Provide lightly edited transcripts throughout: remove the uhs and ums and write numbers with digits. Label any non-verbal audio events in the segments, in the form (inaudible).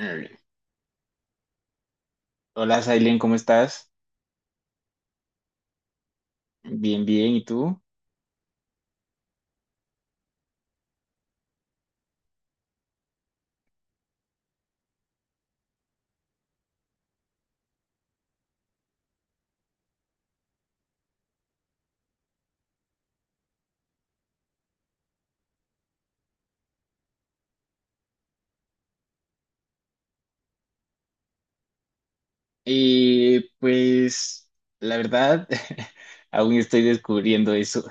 Alright. Hola, Sailen, ¿cómo estás? Bien, bien, ¿y tú? Pues la verdad, (laughs) aún estoy descubriendo eso.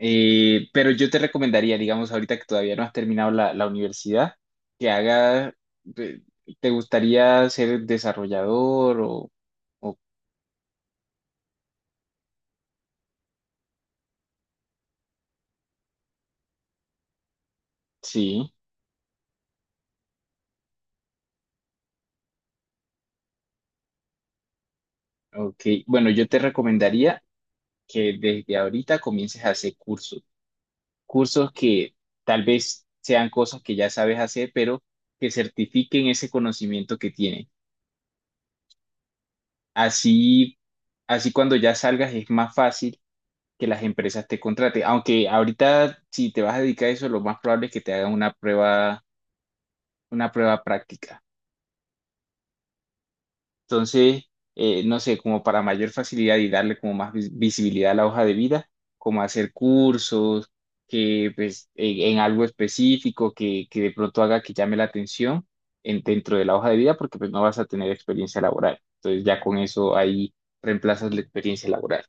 Pero yo te recomendaría, digamos, ahorita que todavía no has terminado la universidad, que haga, de- ¿te gustaría ser desarrollador o sí? Ok, bueno, yo te recomendaría que desde ahorita comiences a hacer cursos. Cursos que tal vez sean cosas que ya sabes hacer, pero que certifiquen ese conocimiento que tienes. Así, así cuando ya salgas es más fácil que las empresas te contraten. Aunque ahorita si te vas a dedicar a eso, lo más probable es que te hagan una prueba práctica. Entonces, no sé, como para mayor facilidad y darle como más visibilidad a la hoja de vida, como hacer cursos, que pues en algo específico que de pronto haga que llame la atención en, dentro de la hoja de vida, porque pues no vas a tener experiencia laboral. Entonces ya con eso ahí reemplazas la experiencia laboral.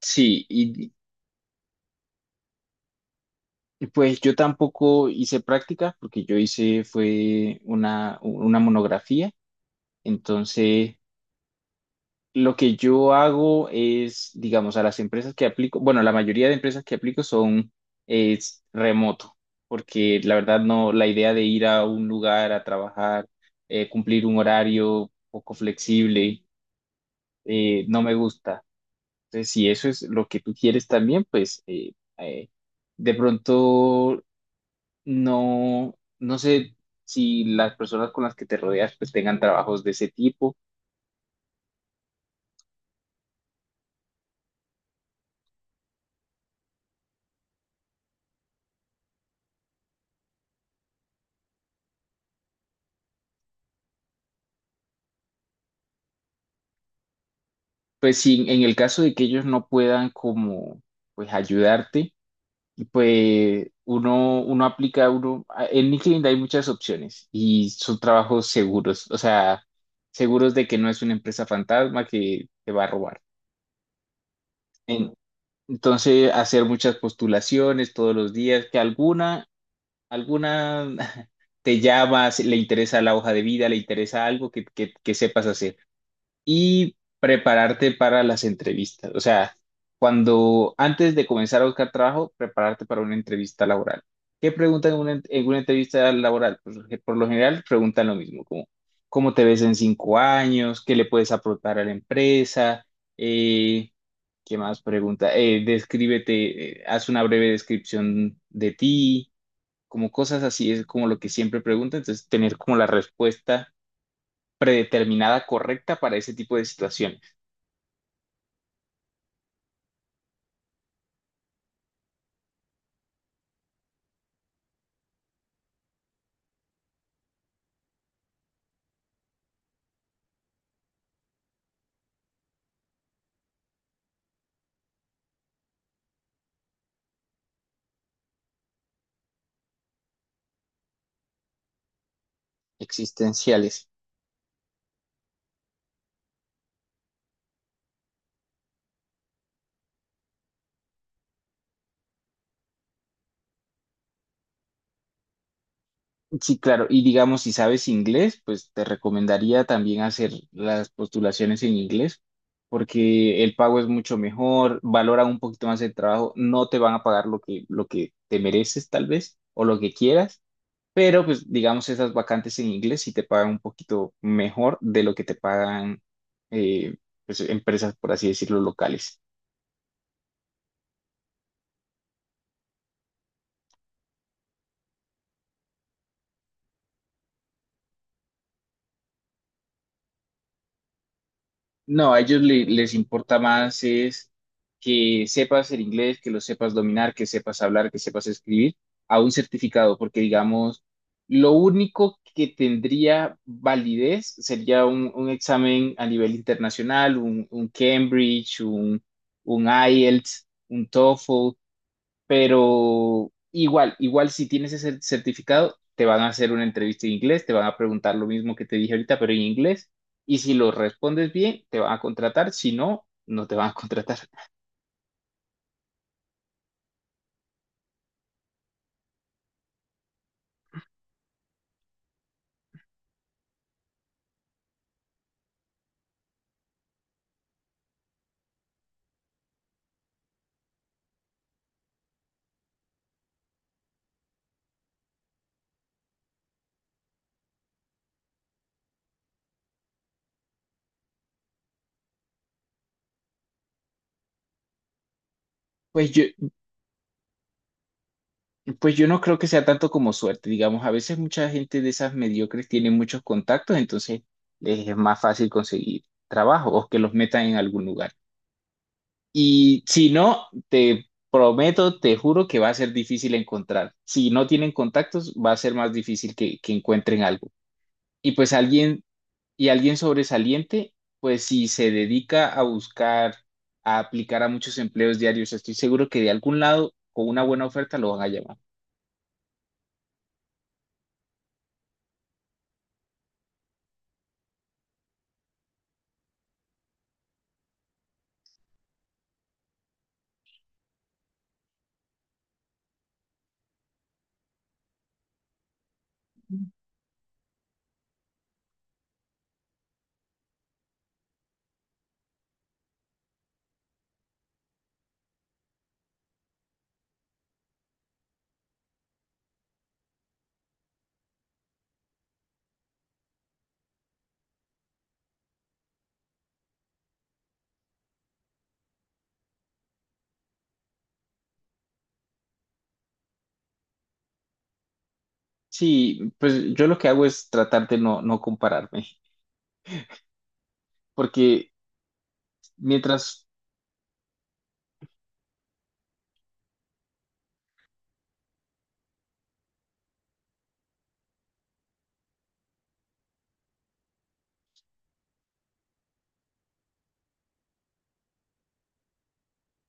Sí, y, pues yo tampoco hice práctica, porque yo hice fue una monografía, entonces lo que yo hago es, digamos, a las empresas que aplico, bueno, la mayoría de empresas que aplico son es remoto, porque la verdad no, la idea de ir a un lugar a trabajar, cumplir un horario poco flexible, no me gusta. Entonces, si eso es lo que tú quieres también, pues de pronto no, no sé si las personas con las que te rodeas pues tengan trabajos de ese tipo. Pues sí, en el caso de que ellos no puedan como pues ayudarte, pues uno, uno aplica, uno, en LinkedIn hay muchas opciones y son trabajos seguros, o sea, seguros de que no es una empresa fantasma que te va a robar. En- Entonces, hacer muchas postulaciones todos los días, que alguna, alguna (laughs) te llamas, le interesa la hoja de vida, le interesa algo que sepas hacer. Y prepararte para las entrevistas. O sea, cuando antes de comenzar a buscar trabajo, prepararte para una entrevista laboral. ¿Qué preguntan en una, en una entrevista laboral? Pues, que por lo general preguntan lo mismo, como cómo te ves en cinco años, qué le puedes aportar a la empresa, Eh, ¿qué más pregunta? Descríbete, haz una breve descripción de ti, como cosas así, es como lo que siempre preguntan, entonces tener como la respuesta predeterminada correcta para ese tipo de situaciones existenciales. Sí, claro. Y digamos, si sabes inglés, pues te recomendaría también hacer las postulaciones en inglés, porque el pago es mucho mejor, valora un poquito más el trabajo, no te van a pagar lo que te mereces tal vez o lo que quieras, pero pues digamos, esas vacantes en inglés sí te pagan un poquito mejor de lo que te pagan eh, pues, empresas, por así decirlo, locales. No, a ellos les importa más es que sepas el inglés, que lo sepas dominar, que sepas hablar, que sepas escribir, a un certificado, porque digamos, lo único que tendría validez sería un examen a nivel internacional, un Cambridge, un IELTS, un TOEFL, pero igual, igual si tienes ese certificado, te van a hacer una entrevista en inglés, te van a preguntar lo mismo que te dije ahorita, pero en inglés. Y si lo respondes bien, te van a contratar. Si no, no te van a (laughs) contratar. Pues yo, pues yo no creo que sea tanto como suerte. Digamos, a veces mucha gente de esas mediocres tiene muchos contactos, entonces les es más fácil conseguir trabajo o que los metan en algún lugar. Y si no, te prometo, te juro que va a ser difícil encontrar. Si no tienen contactos, va a ser más difícil que encuentren algo. Y pues alguien, y alguien sobresaliente, pues si se dedica a buscar, a aplicar a muchos empleos diarios, estoy seguro que de algún lado, con una buena oferta, lo van a llamar. Sí, pues yo lo que hago es tratar de no, no compararme, porque mientras,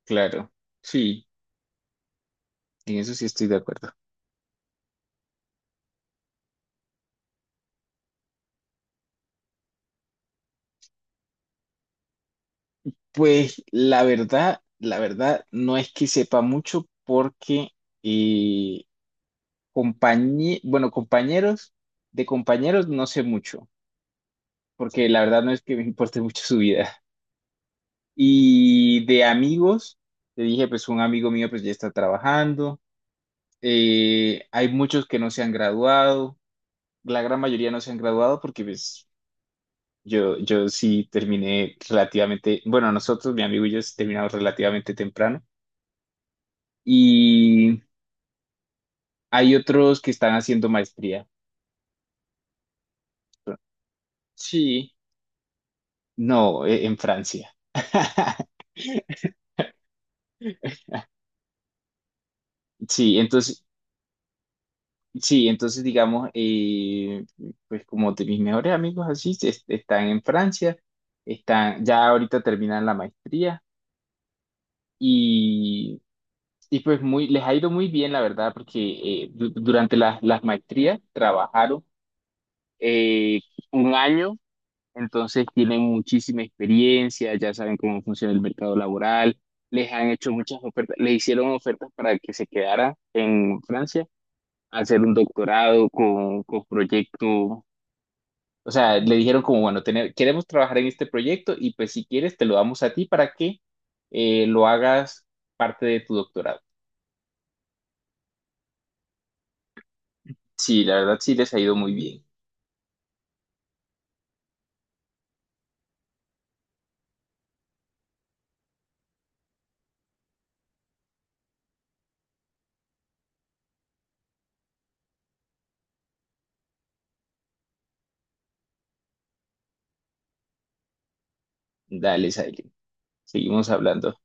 claro, sí, en eso sí estoy de acuerdo. Pues la verdad no es que sepa mucho porque eh, bueno, compañeros, de compañeros no sé mucho, porque la verdad no es que me importe (laughs) mucho su vida. Y de amigos, te dije, pues un amigo mío pues ya está trabajando, hay muchos que no se han graduado, la gran mayoría no se han graduado porque pues yo sí terminé relativamente, bueno, nosotros, mi amigo y yo sí terminamos relativamente temprano. Hay otros que están haciendo maestría. Sí, no, en Francia. (laughs) Sí, entonces, sí, entonces digamos, pues como de mis mejores amigos así, están en Francia, están, ya ahorita terminan la maestría y, y pues muy, les ha ido muy bien, la verdad, porque durante las maestrías trabajaron eh, un año. Entonces tienen muchísima experiencia, ya saben cómo funciona el mercado laboral, les han hecho muchas ofertas, les hicieron ofertas para que se quedara en Francia, hacer un doctorado con proyecto, o sea, le dijeron como, bueno, tener, queremos trabajar en este proyecto y pues si quieres te lo damos a ti para que lo hagas parte de tu doctorado. Sí, la verdad sí les ha ido muy bien. Dale, Silent, seguimos hablando.